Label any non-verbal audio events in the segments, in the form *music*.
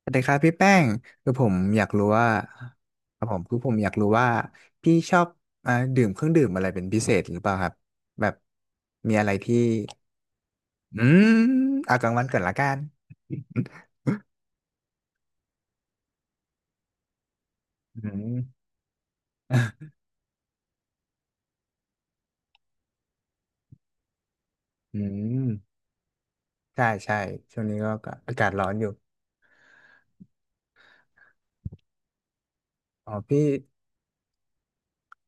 สวัสดีครับพี่แป้งคือผมอยากรู้ว่าครับผมอยากรู้ว่าพี่ชอบดื่มเครื่องดื่มอะไรเป็นพิเศษหรือเปล่าครับแบบมีอะไรที่อืมเอากลางวันก่อนละกันอืม *laughs* อืมใช่ใช่ช่วงนี้ก็อากาศร้อนอยู่อ๋อพี่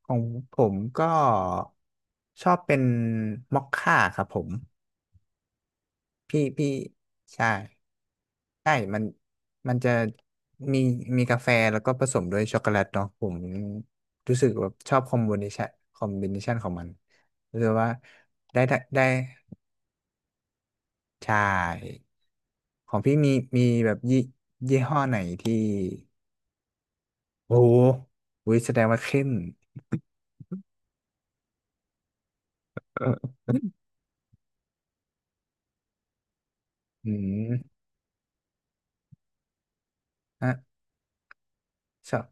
ของผมก็ชอบเป็นมอคค่าครับผมพี่ใช่ ใช่มันจะมีมีกาแฟแล้วก็ผสมด้วยช็อกโกแลตเนาะผมรู้สึกว่าชอบคอมบิเนชันคอมบิเนชันของมันรู้สึกว่าได้ใช่ของพี่มีมีแบบยี่ห้อไหนที่โอ้โหอุ๊ยแสดงว่าเข้มเอออืมฮะชอบ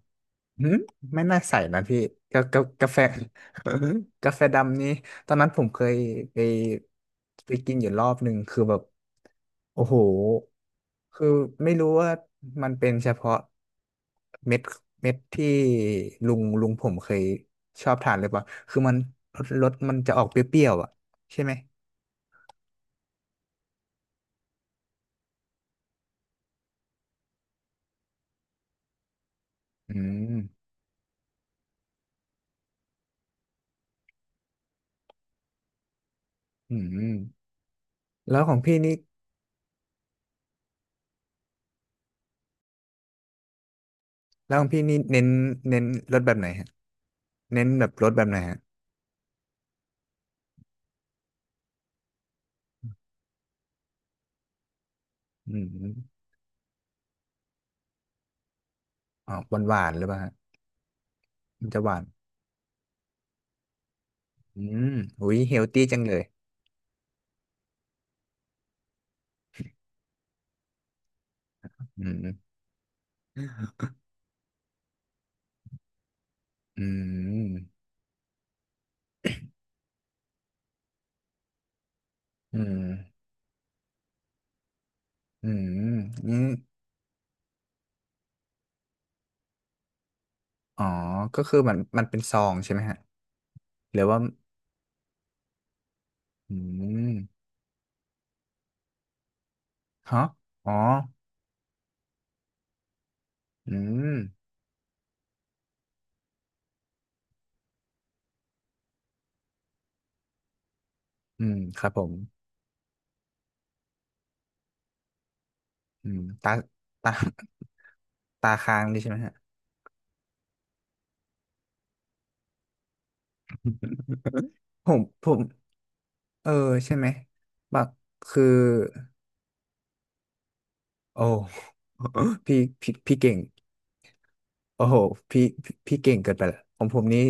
หืมไม่น่าใส่นะพี่กาแฟ *laughs* กาแฟดำนี่ตอนนั้นผมเคยไปไปกินอยู่รอบหนึ่งคือแบบ โอ้โห คือไม่รู้ว่ามันเป็นเฉพาะเม็ดเม็ดที่ลุงผมเคยชอบทานหรือเปล่าคือมันรสมันจะออกเปรี้ยวๆอ่ะใช่ไหมอืมอืมแล้วของพี่นี่แล้วของพี่นี่เน้นเน้นรสแบบไหนฮะเน้นแบบรสแบบไหนฮะอืมอ๋อหวานหวานหรือเปล่าฮะมันจะหวานอืมอุ้ยเฮลตี้จังเลยอืมอืมอืมอืม อ๋อ ก็คือมันเป็นซองใช่ไหมฮะหรือว่าอืมฮะอ๋ออืมอืมครับผมอืมตาตา *laughs* ตาค้างนี่ใช่ไหมฮะผมเออใช่ไหมบักคือ โอ้ *laughs* พี่พี่พี่เก่ง โอ้โหพี่พี่เก่งเกินไปละของผมนี้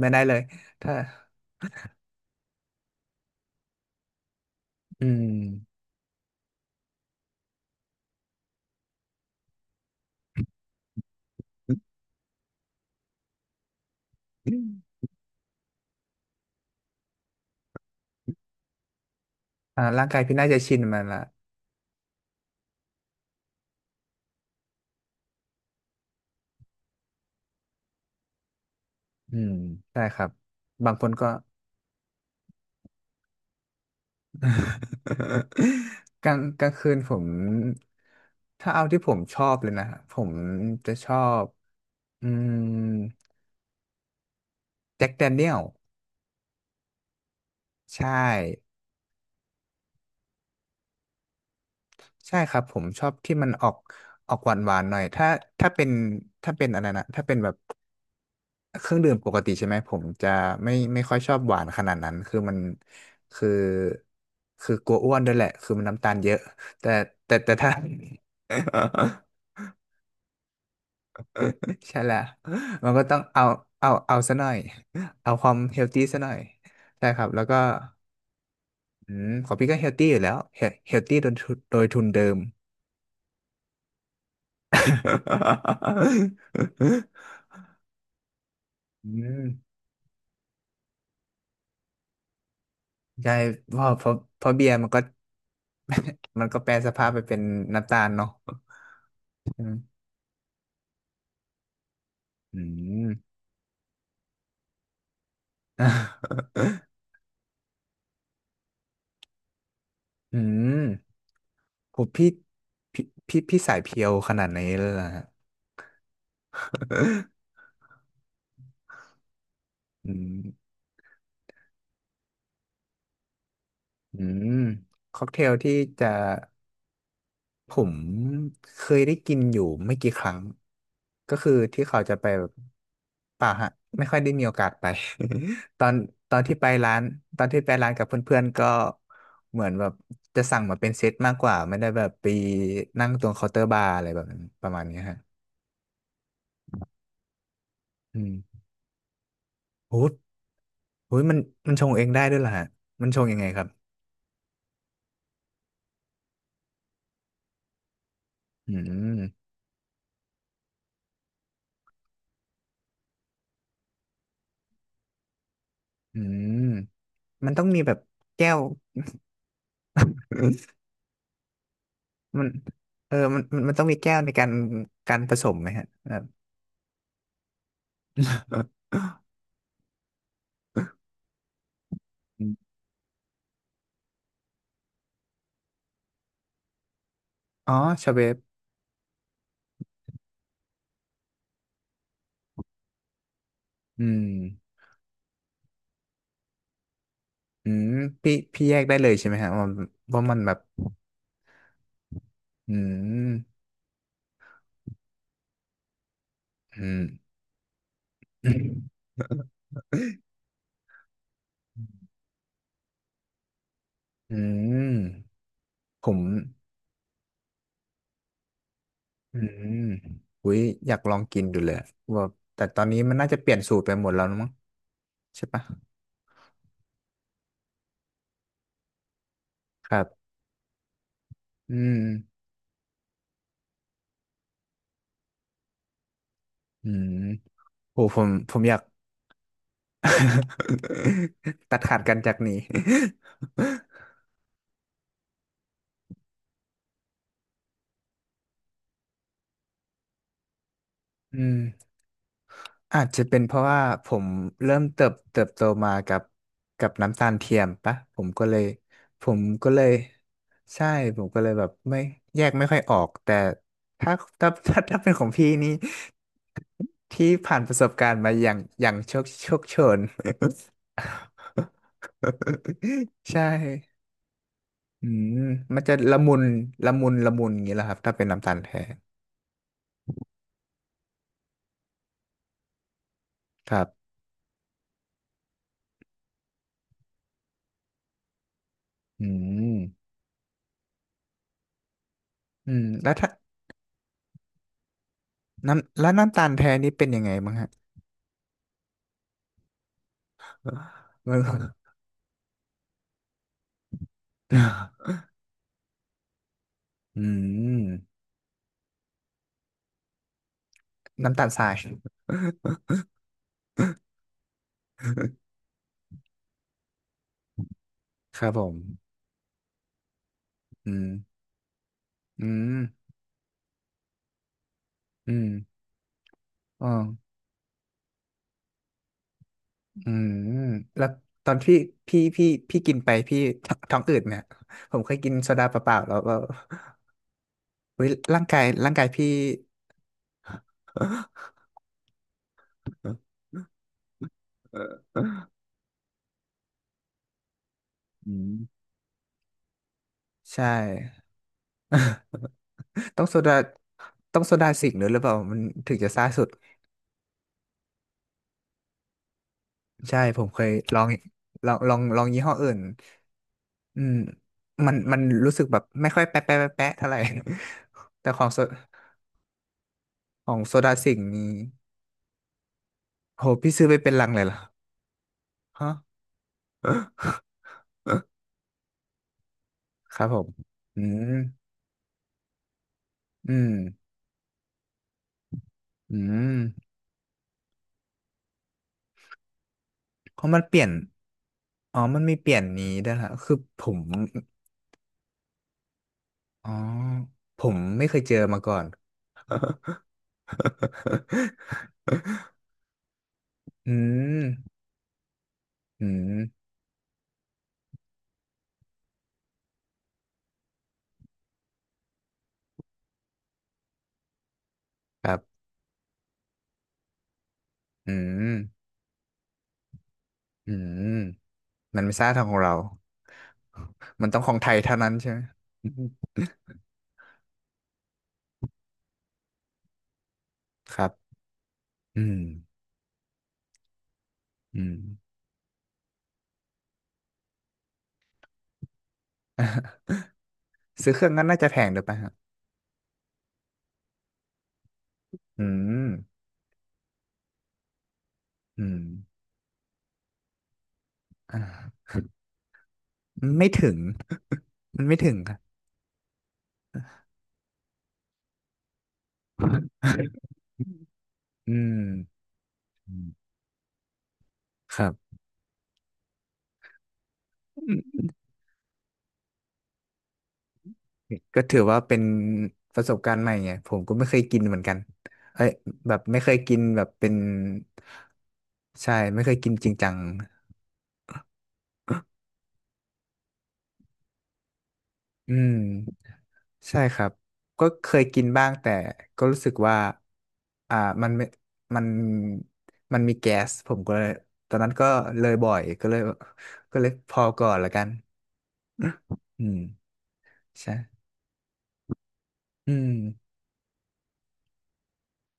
ไม่ได้เลย ถ้า อืม *coughs* อ่าร่างกายพี่น่าจะชินมันละอืมใช่ครับ บางคนก็ *laughs* กลางคืนผมถ้าเอาที่ผมชอบเลยนะผมจะชอบอืมแจ็คแดเนียลใช่ใช่ครับผมชอบที่มันออกออกหวานหวานหน่อยถ้าถ้าเป็นถ้าเป็นอะไรนะถ้าเป็นแบบเครื่องดื่มปกติใช่ไหมผมจะไม่ค่อยชอบหวานขนาดนั้นคือมันคือคือกลัวอ้วนด้วยแหละคือมันน้ำตาลเยอะแต่แต่ถ้า *laughs* ใช่แล้ว *laughs* มันก็ต้องเอาเอาซะหน่อย *laughs* เอาความเฮลตี้ซะหน่อยใช่ครับแล้วก็อืมของพี่ก็เฮลตี้อยู่แล้วเฮลตี้โดยทุนเดิม *laughs* อืมใช่เพราะเบียร์มันก็ *laughs* มันก็แปรสภาพไปเป็นน้ำตาลเนาะอืม *laughs* อืม *laughs* อืมผมพี่พี่พี่สายเพียวขนาดไหนเลยล่ะฮะ *laughs* อืมอืมค็อกเทลที่จะ ผมเคยได้กินอยู่ไม่กี่ครั้งก็คือที่เขาจะไปแบบป่าฮะไม่ค่อยได้มีโอกาสไป *laughs* ตอนตอนที่ไปร้านตอนที่ไปร้านกับเพื่อนๆก็เหมือนแบบจะสั่งมาเป็นเซตมากกว่าไม่ได้แบบไปนั่งตรงเคาน์เตอร์บาร์อะไรแบบนั้นประมาณเนี้ยฮะอืมโอ้โหโอ้ยมันมันชงเองได้ด้วยเหรอฮะมันชงยังไงครับอืมอืมมันต้องมีแบบแก้ว *laughs* มันเออมันมันต้องมีแก้วในการการผสมไหมฮะแบบอมอ๋อชาเวฟอืมอืมพี่แยกได้เลยใช่ไหมฮะว่าว่ามันแบบอืมอืม *coughs* อืมผมอืมอุ้ยอยากลองกินดูเลยว่าแต่ตอนนี้มันน่าจะเปลี่ยนสูตรไปหมดแล้วนะมั้งใช่ปะครับอืมอืมโอ้ผมผมอยาก *laughs* ตัดขาดกันจากนี้ *laughs* อืม อาจจะเป็นเพราะว่าผมเริ่มเติบโตมากับกับน้ำตาลเทียมปะผมก็เลยผมก็เลยใช่ผมก็เลยแบบไม่แยกไม่ค่อยออกแต่ถ้าถ้าเป็นของพี่นี่ที่ผ่านประสบการณ์มาอย่างอย่างโชน *laughs* ใช่อืมมันจะละมุนละมุนอย่างนี้แหละครับถ้าเป็นน้ำตาลแท้ครับอืมอืมแล้วถ้าน้ำตาลแท้นี่เป็นยังไงบ้างฮะ มัน *laughs* อืมน้ำตาลทรายครับผม อืม อืม อืมอ๋ออืม แล้วตอนที่พี่พี่กินไปพี่ท้องอืดเนี่ย ผมเคยกินโซดาเปล่าๆแล้วก็เฮ้ยร่างกายพี่ *laughs* อืมใช่ ต้องโซดาต้องโซดาสิงค์ด้วยหรือเปล่ามันถึงจะซ่าสุด ใช่ผมเคยลองยี่ห้ออื่น อืมมันมันรู้สึกแบบไม่ค่อยแปะเท่าไหร่ *laughs* แต่ของของโซดาสิงห์นี่โหพี่ซื้อไปเป็นลังเลยเหรอฮะ *laughs* ครับผมอืมอืมอืมเพราะมันเปลี่ยนอ๋อมันมีเปลี่ยนนี้ด้วยฮะคือผมอ๋อผมไม่เคยเจอมาก่อน *laughs* อืมอืมครับอืมอืมมันไม่ใช่ทางของเรามันต้องของไทยเท่านั้นใช่ไหม *laughs* มครับ อืมอืมซื้อเครื่องนั้นน่าจะแพงด้วยป่ะฮะอืมอืมอ่าไม่ถึง *laughs* มันไม่ถึงครับอืมอืมครับอืมก็ถือว่าเป็นประสบการณ์ใหม่ไงผมก็ไม่เคยกินเหมือนกันเอ้ยแบบไม่เคยกินแบบเป็นใช่ไม่เคยกินจริงจังอืม ใช่ครับก็เคยกินบ้างแต่ก็รู้สึกว่าอ่ามันไม่มันมันมีแก๊สผมก็เลยตอนนั้นก็เลยบ่อยก็เลยก็เลยพอก่อนละกันอืมใช่อืม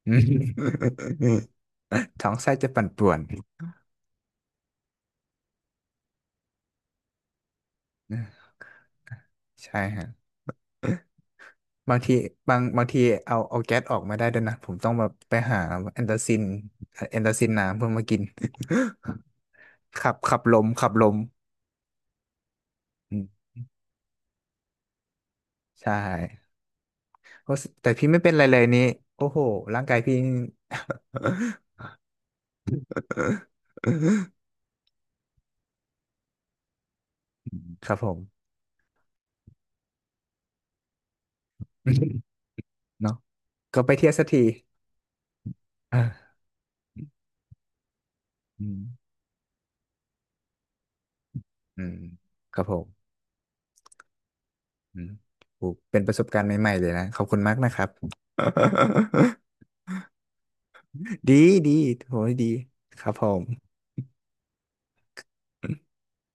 *laughs* อืม *laughs* ท้องไส้จะปั่นป่วนใช่ฮะบางทีบางทีเอาแก๊สออกมาได้ด้วยนะผมต้องแบบไปหาแอนตาซินแอนตาซินน้ำเพื่อมากิน *laughs* ขับขับลมอืมใช่ โอ้แต่พี่ไม่เป็นไรเลยนี้โอ้โหร่างกายพี่ *laughs* ครับผม *laughs* เนาะก็ไปเที่ยวสักที *laughs* อาอืมอืมครับผมอืมโอ้เป็นประสบการณ์ใหม่ๆเลยนะขอบคุณมากนะครับ *laughs* ดีดีโหดีครับผม